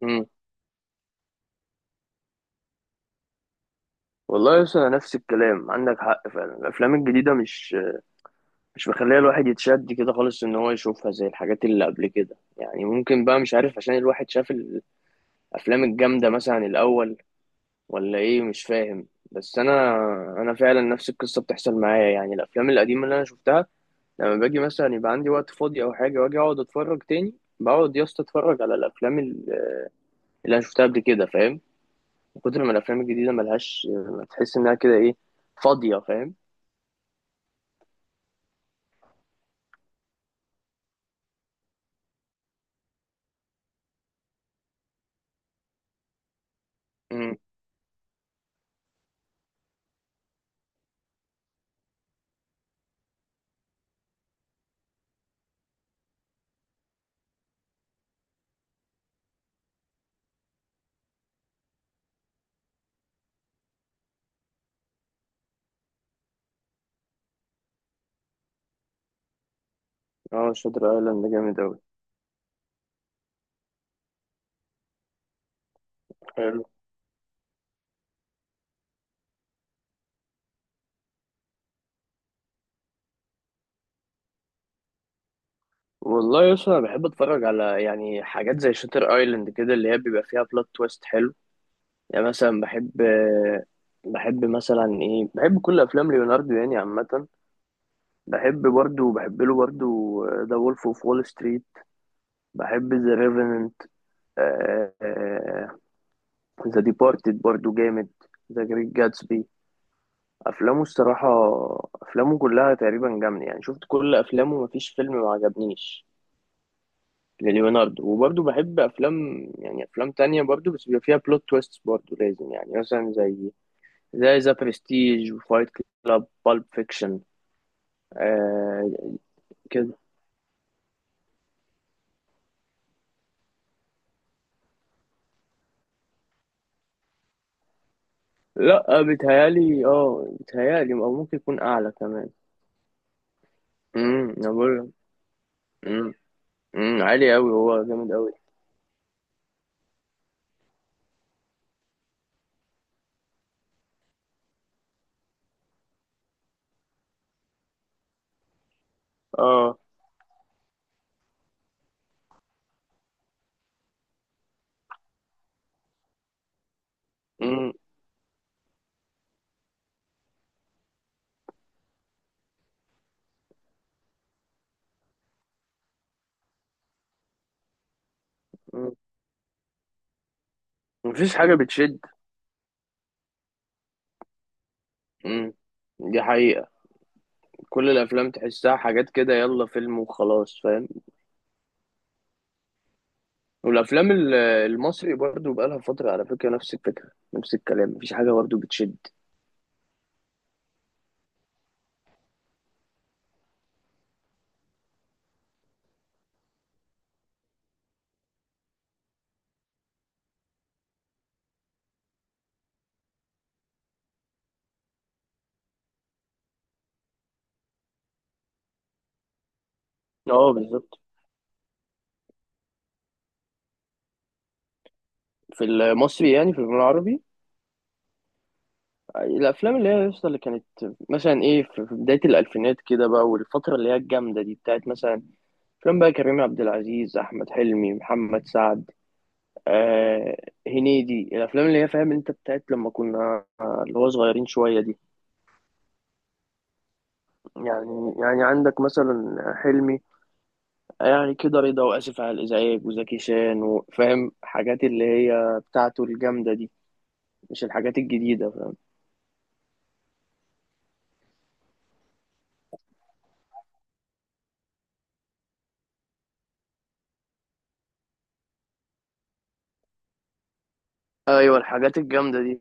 مم. والله يا اسطى، نفس الكلام، عندك حق فعلا. الافلام الجديده مش مخليه الواحد يتشد كده خالص ان هو يشوفها زي الحاجات اللي قبل كده. يعني ممكن بقى، مش عارف، عشان الواحد شاف الافلام الجامده مثلا الاول، ولا ايه؟ مش فاهم. بس انا فعلا نفس القصه بتحصل معايا. يعني الافلام القديمه اللي انا شفتها، لما باجي مثلا يبقى عندي وقت فاضي او حاجه واجي اقعد اتفرج تاني، بقعد يا اسطى اتفرج على الافلام اللي انا شفتها قبل كده، فاهم؟ من كتر ما الافلام الجديده ملهاش، تحس انها كده، ايه، فاضيه، فاهم؟ امم. اه، شاتر ايلاند ده جامد اوي. حلو. والله يا اسطى، انا بحب اتفرج على، يعني، حاجات زي شاتر ايلاند كده، اللي هي بيبقى فيها بلوت تويست حلو. يعني مثلا بحب، بحب مثلا ايه بحب كل افلام ليوناردو يعني عامه. بحب برضو، بحب له برضو ذا وولف اوف وول ستريت. بحب ذا ريفننت. ذا ديبارتد برضو جامد. ذا جريت جاتسبي. افلامه الصراحه، افلامه كلها تقريبا جامده. يعني شفت كل افلامه، مفيش فيلم ما عجبنيش لليوناردو. وبرضه بحب افلام، يعني افلام تانية برضه، بس بيبقى فيها بلوت تويست برضه لازم. يعني مثلا زي ذا برستيج وفايت كلاب، بالب فيكشن. آه كده. لا، آه، بيتهيالي، او ممكن يكون اعلى كمان. انا بقول لك. امم. عالي قوي، هو جامد قوي. اه. امم. أمم. مفيش حاجة بتشد. امم. دي حقيقة. كل الافلام تحسها حاجات كده، يلا فيلم وخلاص، فاهم؟ والافلام المصري برضو بقالها فتره. على فكره، نفس الفكره، نفس الكلام، مفيش حاجه برضو بتشد. اه، بالظبط. في المصري، يعني في الفيلم العربي. الافلام اللي هي لسه، اللي كانت مثلا ايه، في بدايه الالفينات كده بقى، والفتره اللي هي الجامده دي بتاعت مثلا افلام بقى كريم عبد العزيز، احمد حلمي، محمد سعد، آه هنيدي، الافلام اللي هي، فاهم انت، بتاعت لما كنا، اللي هو صغيرين شويه دي. يعني عندك مثلا حلمي، يعني كده، رضا وآسف على الإزعاج، وزكي شان، وفاهم، حاجات اللي هي بتاعته الجامدة دي. مش الحاجات الجديدة، فاهم؟ أيوة، الحاجات الجامدة دي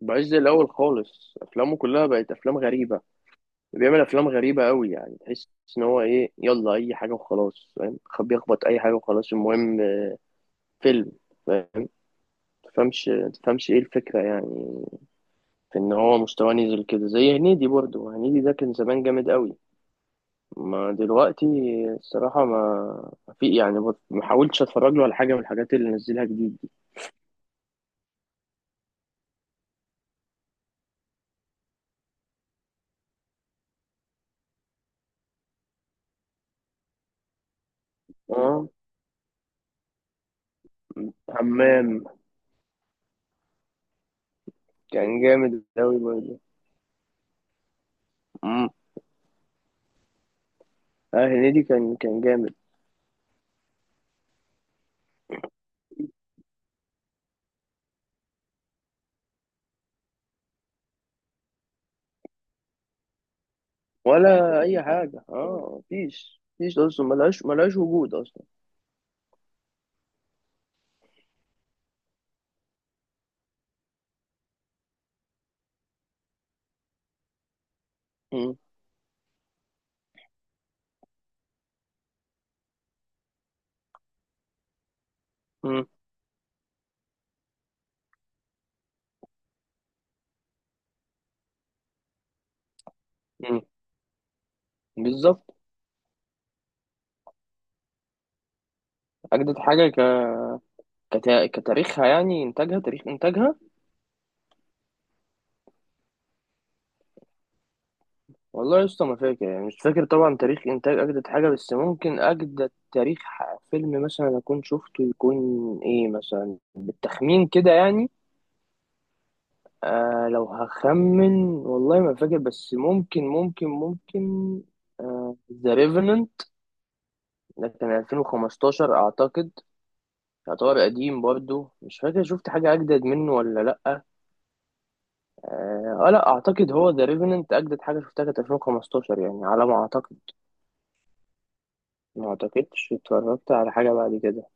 بعز الأول خالص. أفلامه كلها بقت أفلام غريبة. بيعمل أفلام غريبة أوي، يعني تحس إن هو إيه، يلا أي حاجة وخلاص، فاهم؟ بيخبط أي حاجة وخلاص، المهم فيلم، فاهم؟ تفهمش تفهمش إيه الفكرة يعني، في إن هو مستواه نزل كده. زي هنيدي برضه، هنيدي ده كان زمان جامد أوي، ما دلوقتي الصراحة ما في، يعني بص، ما حاولتش اتفرج له على حاجة من الحاجات اللي نزلها جديد دي. اه، حمام كان جامد قوي برضه. امم. اه، هنيدي كان جامد. ولا اي حاجة، مفيش اصلا، ملهاش وجود اصلا. مم. مم. مم. بالظبط. اجدد حاجة كتاريخها، يعني انتاجها، تاريخ انتاجها. والله يا اسطى، ما فاكر. يعني مش فاكر طبعا تاريخ انتاج اجدد حاجه. بس ممكن اجدد تاريخ فيلم مثلا اكون شفته، يكون ايه، مثلا بالتخمين كده يعني. لو هخمن، والله ما فاكر، بس ممكن ذا ريفننت ده كان 2015 اعتقد. يعتبر قديم برضو، مش فاكر شفت حاجه اجدد منه ولا لا، اه. لا اعتقد هو ذا ريفننت اجدد حاجه شفتها، كانت 2015 يعني على ما اعتقد. ما اعتقدش اتفرجت على حاجه بعد كده.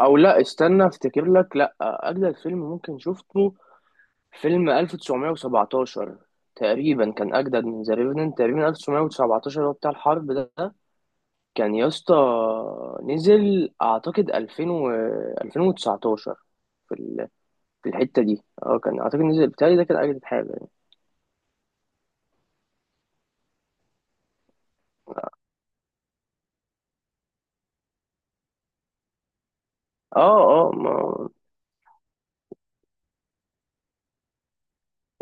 او لا، استنى افتكر لك. لا، اجدد فيلم ممكن شفته فيلم 1917 تقريبا. كان اجدد من ذا ريفننت تقريبا. 1917 هو بتاع الحرب ده. كان يا اسطى، نزل اعتقد 2000 و 2019، في في الحته دي، كان اعتقد نزل بتاعي ده، كان اجدد حاجه يعني. اه. اه. ما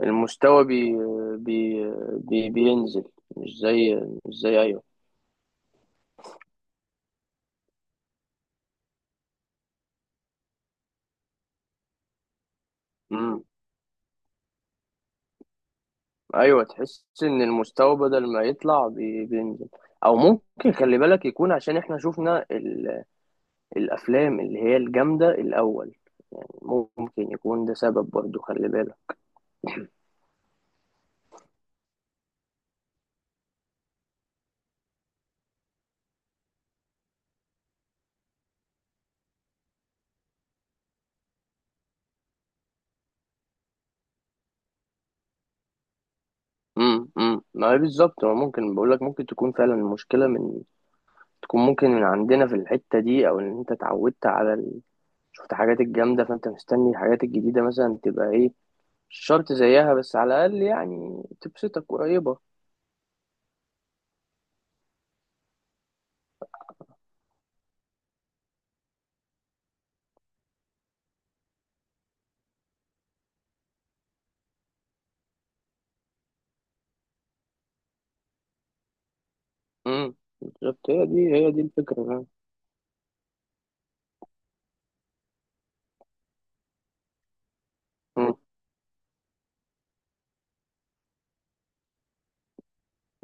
المستوى بي بي بي بينزل، مش زي مش زي، ايوه، ايوه، تحس ان المستوى بدل ما يطلع، بينزل. او ممكن، خلي بالك، يكون عشان احنا شفنا الافلام اللي هي الجامده الاول. يعني ممكن يكون ده سبب برضو، خلي بالك. ما هي بالظبط. هو ممكن، بقول لك، ممكن تكون فعلا المشكله من، تكون ممكن من عندنا في الحته دي، او ان انت اتعودت على شفت حاجات الجامده، فانت مستني الحاجات الجديده مثلا تبقى ايه. مش شرط زيها، بس على الاقل يعني تبسطك، قريبه. امم. بالظبط، هي دي الفكره.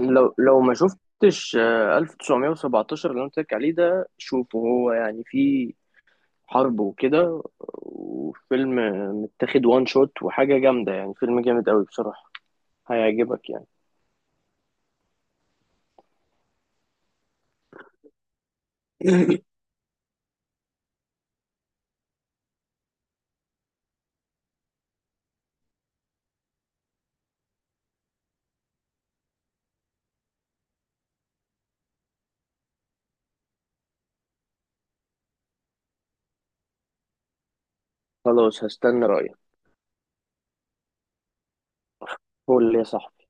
لو ما شفتش 1917 اللي انا قلت لك عليه ده، شوفه هو. يعني فيه حرب وكده، وفيلم متاخد وان شوت، وحاجة جامدة يعني، فيلم جامد قوي بصراحة، هيعجبك يعني. خلاص، هستنى رأيك. قول لي يا صاحبي.